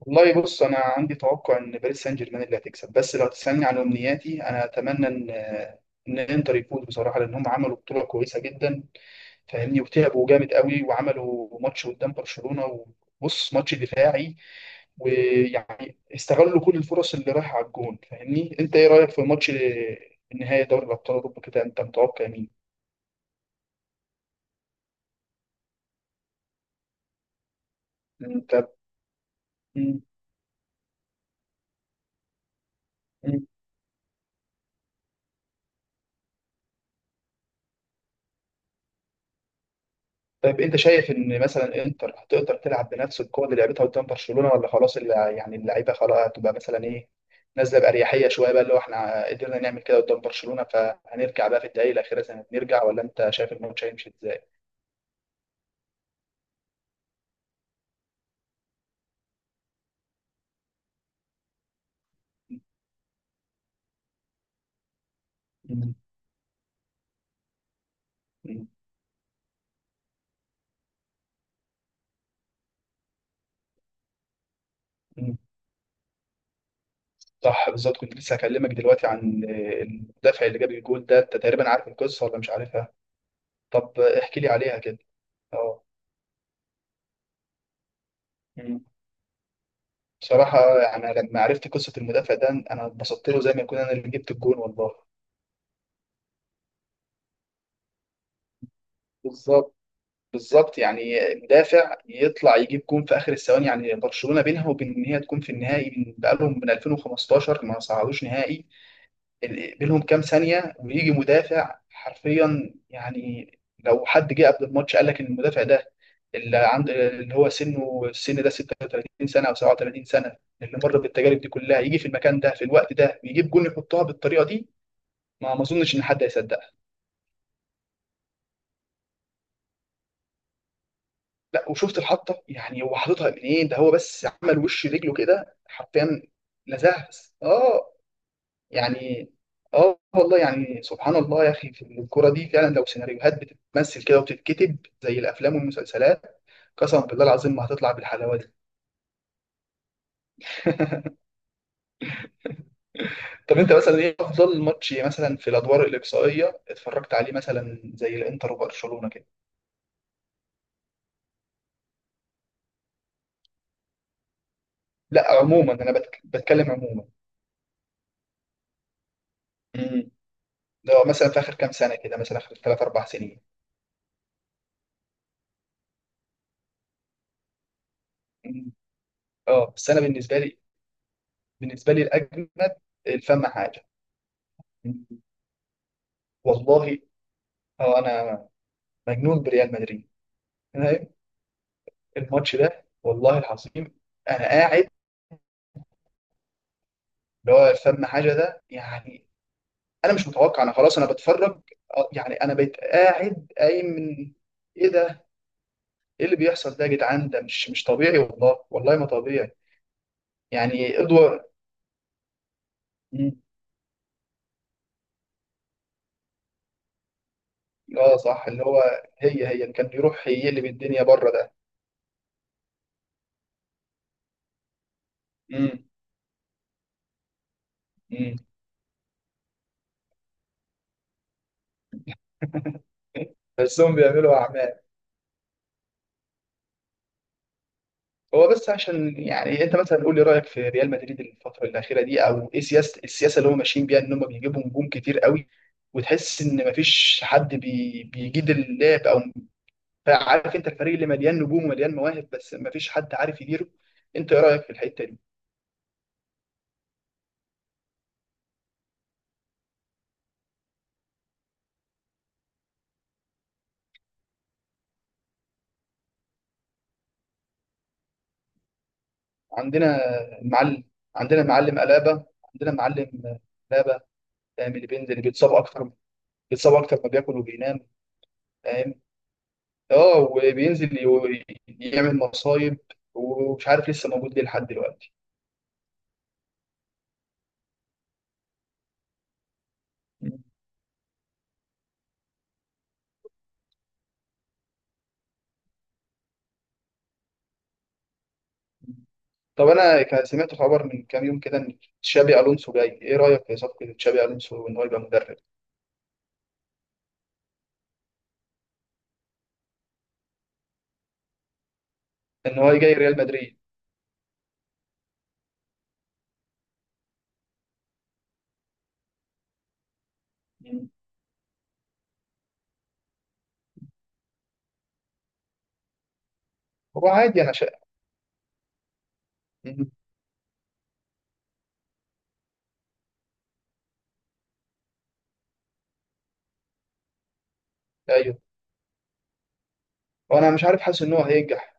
والله بص انا عندي توقع ان باريس سان جيرمان اللي هتكسب، بس لو تسالني عن امنياتي انا اتمنى ان انتر يفوز. بصراحه لان هم عملوا بطوله كويسه جدا، فاهمني، وتعبوا جامد قوي وعملوا ماتش قدام برشلونه. وبص، ماتش دفاعي، ويعني استغلوا كل الفرص اللي رايحه على الجون. فاهمني، انت ايه رايك في ماتش النهائي دوري الابطال اوروبا كده؟ انت متوقع مين؟ انت مم. طيب انت شايف ان مثلا انتر هتقدر تلعب بنفس القوه اللي لعبتها قدام برشلونه، ولا خلاص يعني اللعيبه خلاص هتبقى مثلا ايه، نازله باريحيه شويه بقى اللي هو احنا قدرنا نعمل كده قدام برشلونه، فهنرجع بقى في الدقائق الاخيره زي ما بنرجع، ولا انت شايف الماتش هيمشي ازاي؟ مم. مم. مم. صح، بالظبط. كنت لسه هكلمك دلوقتي عن المدافع اللي جاب الجول ده. انت تقريبا عارف القصه ولا مش عارفها؟ طب احكي لي عليها كده. اه. مم. بصراحه يعني لما عرفت قصه المدافع ده انا اتبسطت له زي ما يكون انا اللي جبت الجول والله. بالظبط، بالظبط يعني مدافع يطلع يجيب جون في اخر الثواني. يعني برشلونه بينها وبين ان هي تكون في النهائي من بقالهم من 2015 ما صعدوش نهائي. بينهم كام ثانيه ويجي مدافع حرفيا. يعني لو حد جه قبل الماتش قال لك ان المدافع ده اللي عند اللي هو سنه السن ده 36 سنه او 37 سنه، اللي مر بالتجارب دي كلها، يجي في المكان ده في الوقت ده ويجيب جون يحطها بالطريقه دي، ما اظنش ان حد هيصدق. لا، وشفت الحطه، يعني هو حاططها منين ده؟ هو بس عمل وش رجله كده حرفيا. لزاز اه. يعني اه، والله يعني سبحان الله يا اخي. في الكوره دي فعلا لو سيناريوهات بتتمثل كده وبتتكتب زي الافلام والمسلسلات، قسما بالله العظيم ما هتطلع بالحلاوه دي. طب انت مثلا ايه افضل ماتش مثلا في الادوار الاقصائيه اتفرجت عليه، مثلا زي الانتر وبرشلونه كده؟ لا عموما انا بتكلم عموما. امم، ده مثلا في اخر كام سنه كده، مثلا اخر ثلاث اربع سنين. مم. اه بس انا بالنسبه لي، بالنسبه لي الاجمد، الفم حاجه، والله. هو انا مجنون بريال مدريد. أنا الماتش ده والله العظيم انا قاعد، اللي هو الفم حاجه ده يعني. انا مش متوقع، انا خلاص انا بتفرج. يعني انا بقيت قاعد قايم من، ايه ده، ايه اللي بيحصل ده يا جدعان؟ ده مش طبيعي، والله والله ما طبيعي. يعني ادوار. مم. اه صح، اللي هو هي اللي كان بيروح يقلب الدنيا بره ده. مم. مم. بس هم بيعملوا اعمال. هو بس عشان يعني انت مثلا قول لي رايك في ريال مدريد الفتره الاخيره دي، او ايه سياسه اللي هم ماشيين بيها ان هم بيجيبوا نجوم كتير قوي، وتحس ان مفيش حد بيجيد اللعب، او عارف انت الفريق اللي مليان نجوم ومليان مواهب بس مفيش حد عارف يديره. انت ايه رايك في الحته دي؟ عندنا معلم، عندنا معلم الابا، عندنا معلم الابا، فاهم؟ اللي بينزل اللي بيتصاب اكتر، بيتصاب اكتر ما بياكل وبينام، فاهم، اه. وبينزل يعمل مصايب، ومش عارف لسه موجود ليه لحد دلوقتي. مم. طب انا سمعت خبر من كام يوم كده ان تشابي الونسو جاي. ايه رايك في صفقه تشابي الونسو ان هو يبقى مدرب؟ ان هو جاي ريال مدريد. مم. هو عادي، انا شايف. مم. ايوه. وانا مش عارف، حاسس ان هو هينجح.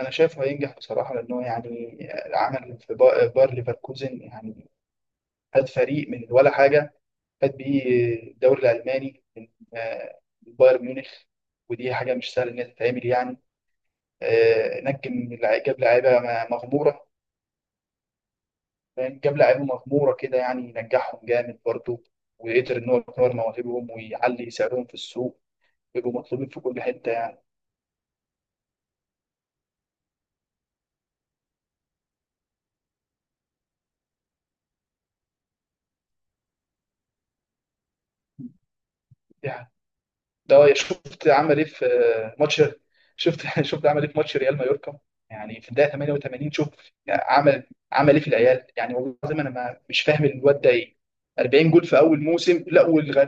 انا شايفه هينجح بصراحه، لان هو يعني عمل في باير ليفركوزن يعني، هاد فريق من ولا حاجه فات بيه الدوري الالماني من، آه، من بايرن ميونخ. ودي حاجه مش سهله ان هي تتعمل يعني. نجم جاب لعيبه مغموره، فاهم؟ جاب لعيبه مغموره كده يعني ينجحهم جامد برضه، وقدر ان هو يطور مواهبهم ويعلي سعرهم في السوق ويبقوا مطلوبين في كل حته يعني. دي ده يا شفت عمل ايه في ماتش. شفت شفت عمل ايه في ماتش ريال مايوركا. يعني في الدقيقه 88، شوف يعني عمل ايه في العيال؟ يعني والله العظيم انا ما مش فاهم الواد ده ايه. 40 جول في اول موسم، لا والغ.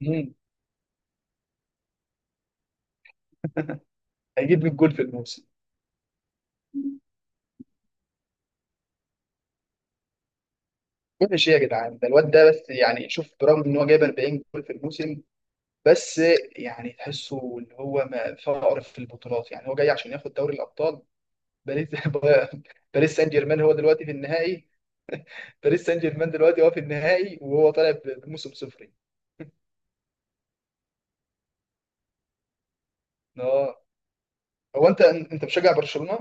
مم، هيجيب 100 جول في الموسم. مش ايه يا جدعان ده الواد ده؟ بس يعني شوف برغم ان هو جايب 40 جول في الموسم، بس يعني تحسه ان هو ما فقر في البطولات. يعني هو جاي عشان ياخد دوري الابطال. باريس باريس سان جيرمان هو دلوقتي في النهائي. باريس سان جيرمان دلوقتي هو في النهائي، وهو طالع بموسم صفري. اه. هو انت مشجع برشلونه؟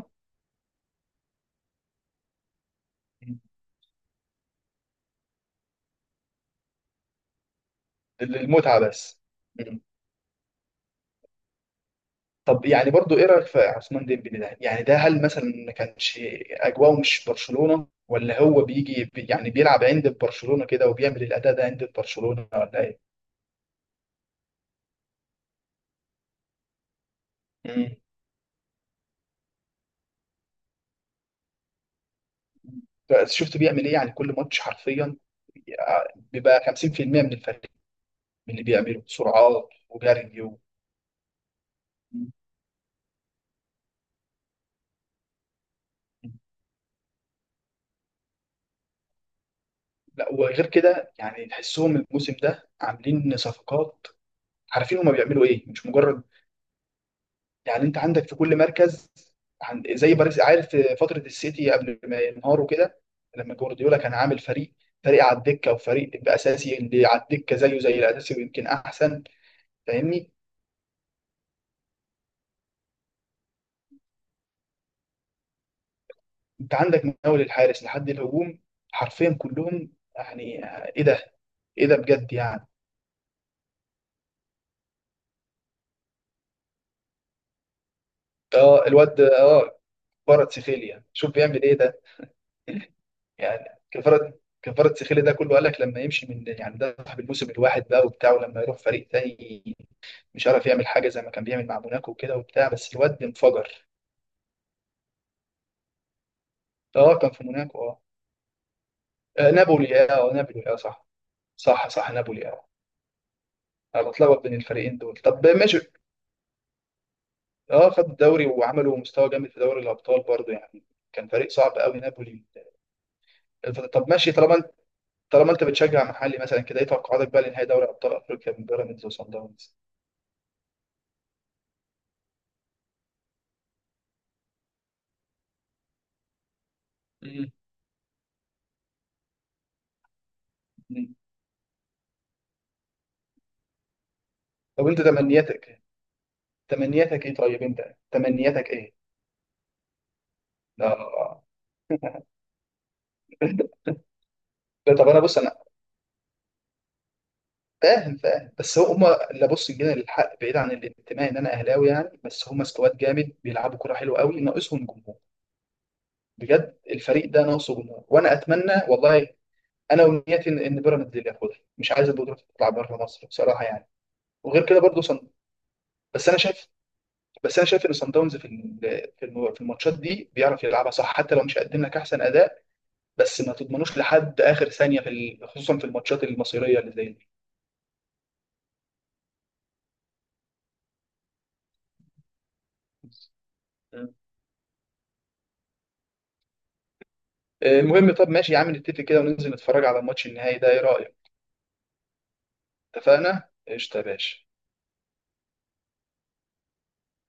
للمتعه بس. مم. طب يعني برضو ايه رايك في عثمان ديمبلي ده؟ يعني ده هل مثلا ما كانش اجواءه مش برشلونه، ولا هو بيجي يعني بيلعب عند برشلونه كده وبيعمل الاداء ده عند برشلونه، ولا ايه؟ مم. بس شفت بيعمل ايه يعني كل ماتش حرفيا بيبقى 50% من الفريق، من اللي بيعمله سرعات وجري و... مم. لا، وغير كده يعني تحسهم الموسم ده عاملين صفقات، عارفين هما بيعملوا ايه، مش مجرد يعني. انت عندك في كل مركز، عند زي باريس، عارف في فتره السيتي قبل ما ينهاروا كده، لما جوارديولا كان عامل فريق، فريق على الدكه وفريق باساسي، اللي على الدكه زيه زي الاساسي ويمكن احسن. فاهمني. انت عندك من اول الحارس لحد الهجوم حرفيا كلهم يعني. ايه ده، ايه ده بجد يعني. اه الواد اه. كفارة سيخيليا، شوف بيعمل ايه ده. يعني كفاره كفاره سخيلي ده كله قال لك لما يمشي من، يعني ده صاحب الموسم الواحد بقى وبتاع، ولما يروح فريق تاني مش عارف يعمل حاجه زي ما كان بيعمل مع موناكو وكده وبتاع، بس الواد انفجر. اه كان في موناكو اه. نابولي اه. نابولي اه صح. صح صح، نابولي اه. انا بتلخبط بين الفريقين دول. طب ماشي، اه خد الدوري وعملوا مستوى جامد في دوري الابطال برضه يعني. كان فريق صعب قوي نابولي. الفترة، طب ماشي. طالما انت بتشجع محلي مثلا كده، ايه توقعاتك بقى لنهائي دوري ابطال افريقيا من بيراميدز وصن داونز؟ مم. طب انت تمنياتك تمنياتك ايه طيب انت تمنياتك ايه؟ لا. طب انا بص انا، فاهم فاهم. بس هم اللي، بص جينا للحق بعيد عن الانتماء ان انا اهلاوي يعني، بس هم سكواد جامد بيلعبوا كرة حلوه قوي، ناقصهم جمهور. بجد الفريق ده ناقصه جمهور، وانا اتمنى والله، انا ونيتي ان بيراميدز اللي ياخدها. مش عايز البطوله تطلع بره مصر بصراحه يعني. وغير كده برضه صن... بس انا شايف بس انا شايف ان صن داونز في في الماتشات دي بيعرف يلعبها صح، حتى لو مش هيقدم لك احسن اداء. بس ما تضمنوش لحد اخر ثانيه في خصوصا في الماتشات المصيريه اللي زي دي. مم. المهم طب ماشي يا عم، نتفق كده وننزل نتفرج على الماتش النهائي ده، ايه رايك؟ اتفقنا قشطه يا باشا.